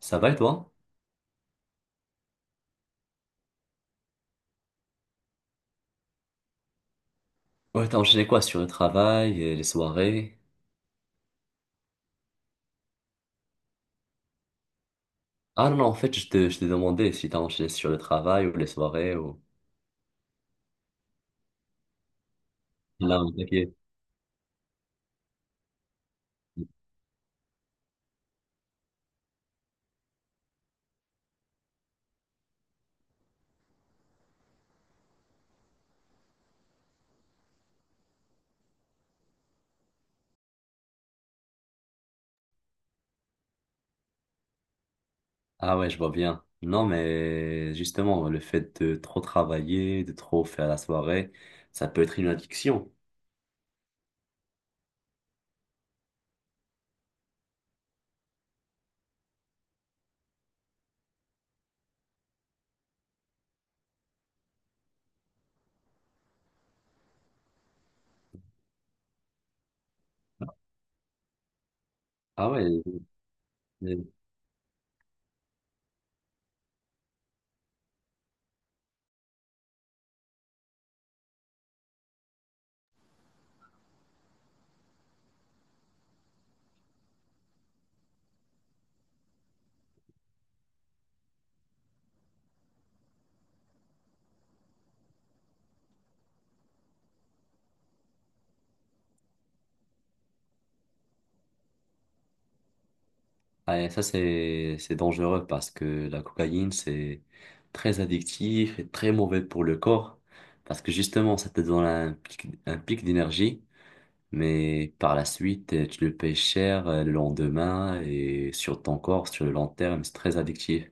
Ça va et toi? Ouais, t'as enchaîné quoi sur le travail et les soirées? Ah non, non, en fait, je te demandais si t'as enchaîné sur le travail ou les soirées ou... Là, on t'inquiète. Ah ouais, je vois bien. Non, mais justement, le fait de trop travailler, de trop faire la soirée, ça peut être une addiction. Ah ouais, euh, ah, et ça c'est dangereux parce que la cocaïne c'est très addictif et très mauvais pour le corps parce que justement ça te donne un pic d'énergie. Mais par la suite, tu le payes cher, le lendemain et sur ton corps, sur le long terme, c'est très addictif.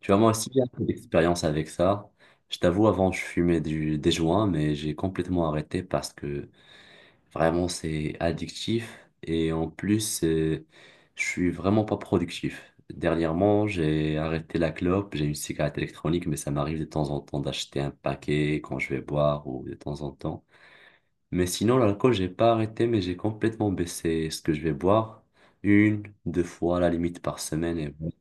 Tu vois, moi aussi, j'ai un peu d'expérience avec ça. Je t'avoue, avant, je fumais des joints, mais j'ai complètement arrêté parce que vraiment, c'est addictif. Et en plus, je suis vraiment pas productif. Dernièrement, j'ai arrêté la clope, j'ai une cigarette électronique, mais ça m'arrive de temps en temps d'acheter un paquet quand je vais boire ou de temps en temps. Mais sinon, l'alcool, j'ai pas arrêté, mais j'ai complètement baissé ce que je vais boire. Une, deux fois à la limite par semaine. Et voilà.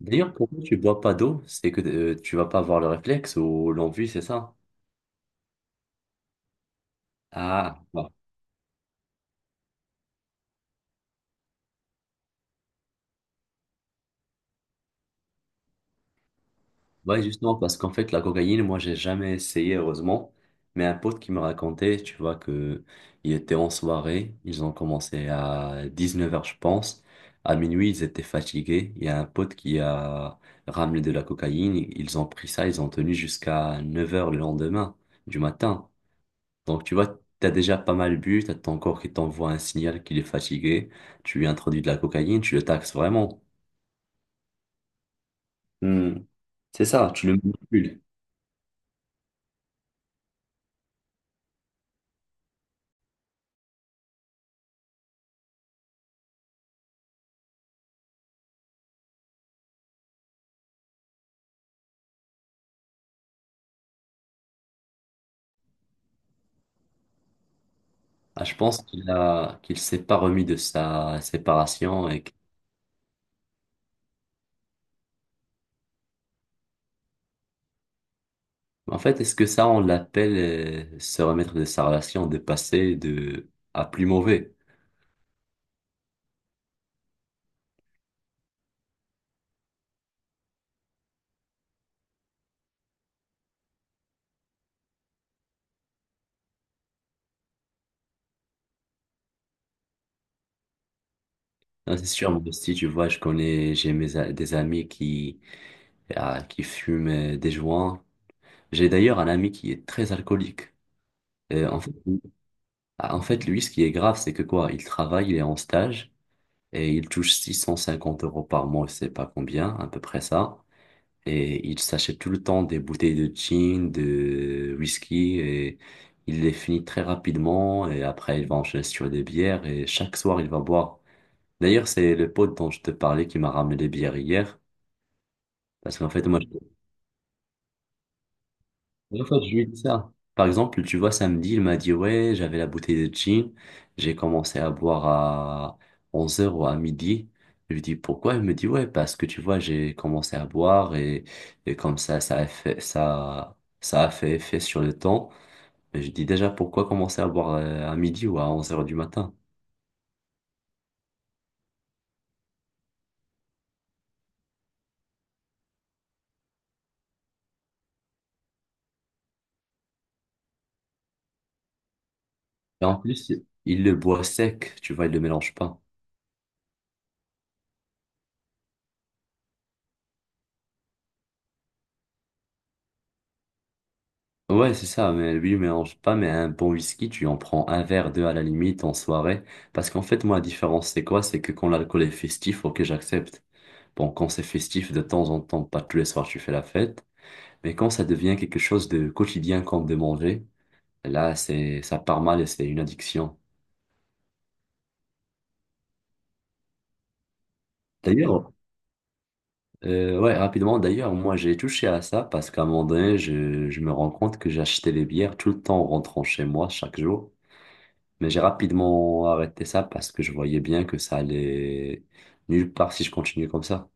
D'ailleurs, pourquoi tu bois pas d'eau? C'est que tu vas pas avoir le réflexe ou l'envie, c'est ça? Ah, bon. Ouais, justement, parce qu'en fait, la cocaïne, moi, j'ai jamais essayé, heureusement. Mais un pote qui me racontait, tu vois, que il était en soirée, ils ont commencé à 19 h, je pense. À minuit, ils étaient fatigués. Il y a un pote qui a ramené de la cocaïne. Ils ont pris ça, ils ont tenu jusqu'à 9 h le lendemain du matin. Donc, tu vois, t'as déjà pas mal bu, t'as ton corps qui t'envoie un signal qu'il est fatigué. Tu lui introduis de la cocaïne, tu le taxes vraiment. Hmm. C'est ça, tu le manipules. Ah, je pense qu'il a, qu'il s'est pas remis de sa séparation et que- En fait, est-ce que ça, on l'appelle se remettre de sa relation, de passer de à plus mauvais? Non, c'est sûr, moi aussi, tu vois, je connais, j'ai mes, a- des amis qui, ah, qui fument des joints. J'ai d'ailleurs un ami qui est très alcoolique. En fait, lui- ah, en fait, lui, ce qui est grave, c'est que quoi, il travaille, il est en stage et il touche 650 € par mois, je sais pas combien, à peu près ça. Et il s'achète tout le temps des bouteilles de gin, de whisky, et il les finit très rapidement. Et après, il va enchaîner sur des bières, et chaque soir, il va boire. D'ailleurs, c'est le pote dont je te parlais qui m'a ramené les bières hier. Parce qu'en fait, moi, c'est ça. Par exemple, tu vois, samedi, il m'a dit, ouais, j'avais la bouteille de gin, j'ai commencé à boire à 11 heures ou à midi. Je lui dis, pourquoi? Il me dit, ouais, parce que tu vois, j'ai commencé à boire et comme ça, ça a fait effet sur le temps. Mais je dis déjà, pourquoi commencer à boire à midi ou à 11 heures du matin? Et en plus, il le boit sec, tu vois, il le mélange pas. Ouais, c'est ça, mais lui, mélange pas, mais un bon whisky, tu en prends un verre, deux à la limite en soirée. Parce qu'en fait, moi, la différence, c'est quoi? C'est que quand l'alcool est festif, ok, j'accepte. Bon, quand c'est festif, de temps en temps, pas tous les soirs, tu fais la fête. Mais quand ça devient quelque chose de quotidien, comme de manger, là, c'est, ça part mal et c'est une addiction. D'ailleurs, ouais, rapidement, d'ailleurs, moi, j'ai touché à ça parce qu'à un moment donné, je me rends compte que j'achetais les bières tout le temps en rentrant chez moi, chaque jour. Mais j'ai rapidement arrêté ça parce que je voyais bien que ça allait nulle part si je continuais comme ça.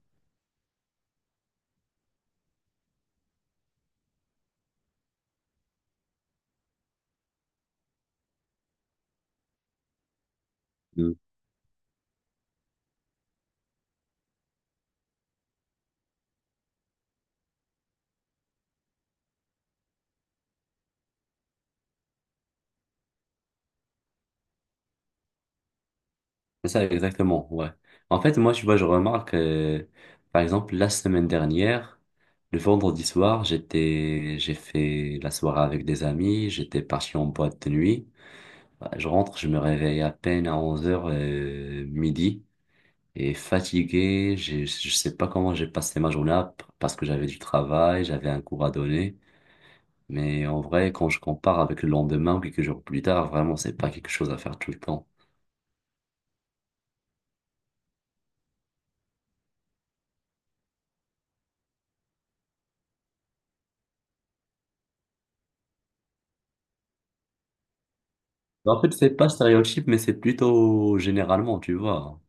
Mm. C'est ça, exactement, ouais. En fait, moi, tu vois, je remarque, par exemple, la semaine dernière, le vendredi soir, j'ai fait la soirée avec des amis, j'étais parti en boîte de nuit. Bah, je rentre, je me réveille à peine à 11 heures midi, et fatigué, j'ai- je sais pas comment j'ai passé ma journée, parce que j'avais du travail, j'avais un cours à donner. Mais en vrai, quand je compare avec le lendemain ou quelques jours plus tard, vraiment, c'est pas quelque chose à faire tout le temps. En fait, c'est pas stéréotype, mais c'est plutôt généralement, tu vois.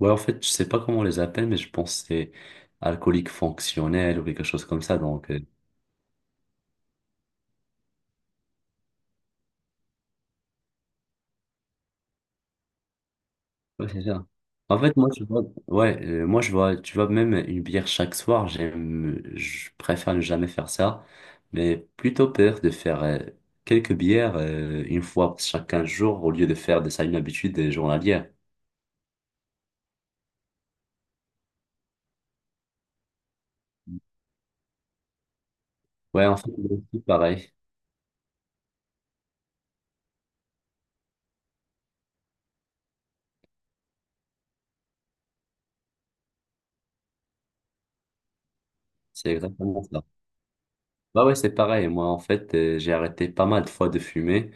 Ouais, en fait, je sais pas comment on les appelle, mais je pense que c'est alcoolique fonctionnel ou quelque chose comme ça, donc... ouais, c'est ça. En fait, moi, je vois... Ouais, moi, je vois, tu vois, même une bière chaque soir, j'aime... Je préfère ne jamais faire ça, mais plutôt peur de faire quelques bières une fois chaque 15 jours au lieu de faire de ça une habitude journalière. Ouais, en fait, moi aussi, pareil. C'est exactement ça. Bah ouais, c'est pareil. Moi, en fait, j'ai arrêté pas mal de fois de fumer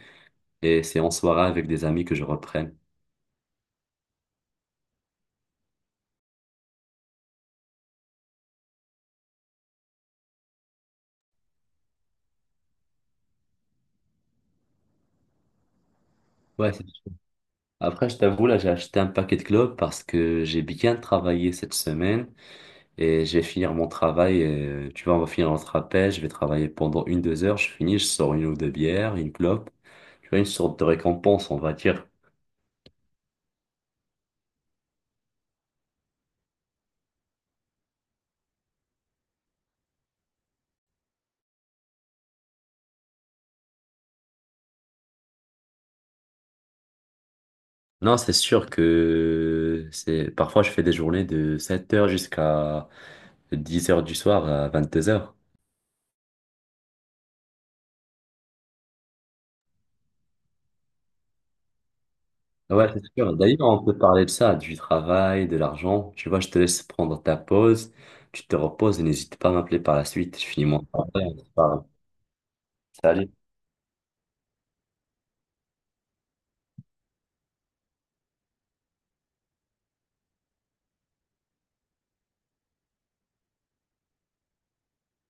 et c'est en soirée avec des amis que je reprenne. Ouais, c'est sûr. Après, je t'avoue, là, j'ai acheté un paquet de clopes parce que j'ai bien travaillé cette semaine et je vais finir mon travail. Tu vois, on va finir notre appel. Je vais travailler pendant une, deux heures. Je finis, je sors une ou deux bières, une clope. Tu vois, une sorte de récompense, on va dire. Non, c'est sûr que c'est parfois je fais des journées de 7 heures jusqu'à 10 heures du soir à 22 heures. Ouais, ouais, c'est sûr. D'ailleurs, on peut parler de ça, du travail, de l'argent. Tu vois, je te laisse prendre ta pause, tu te reposes et n'hésite pas à m'appeler par la suite. Je finis mon travail, on se parle. Salut.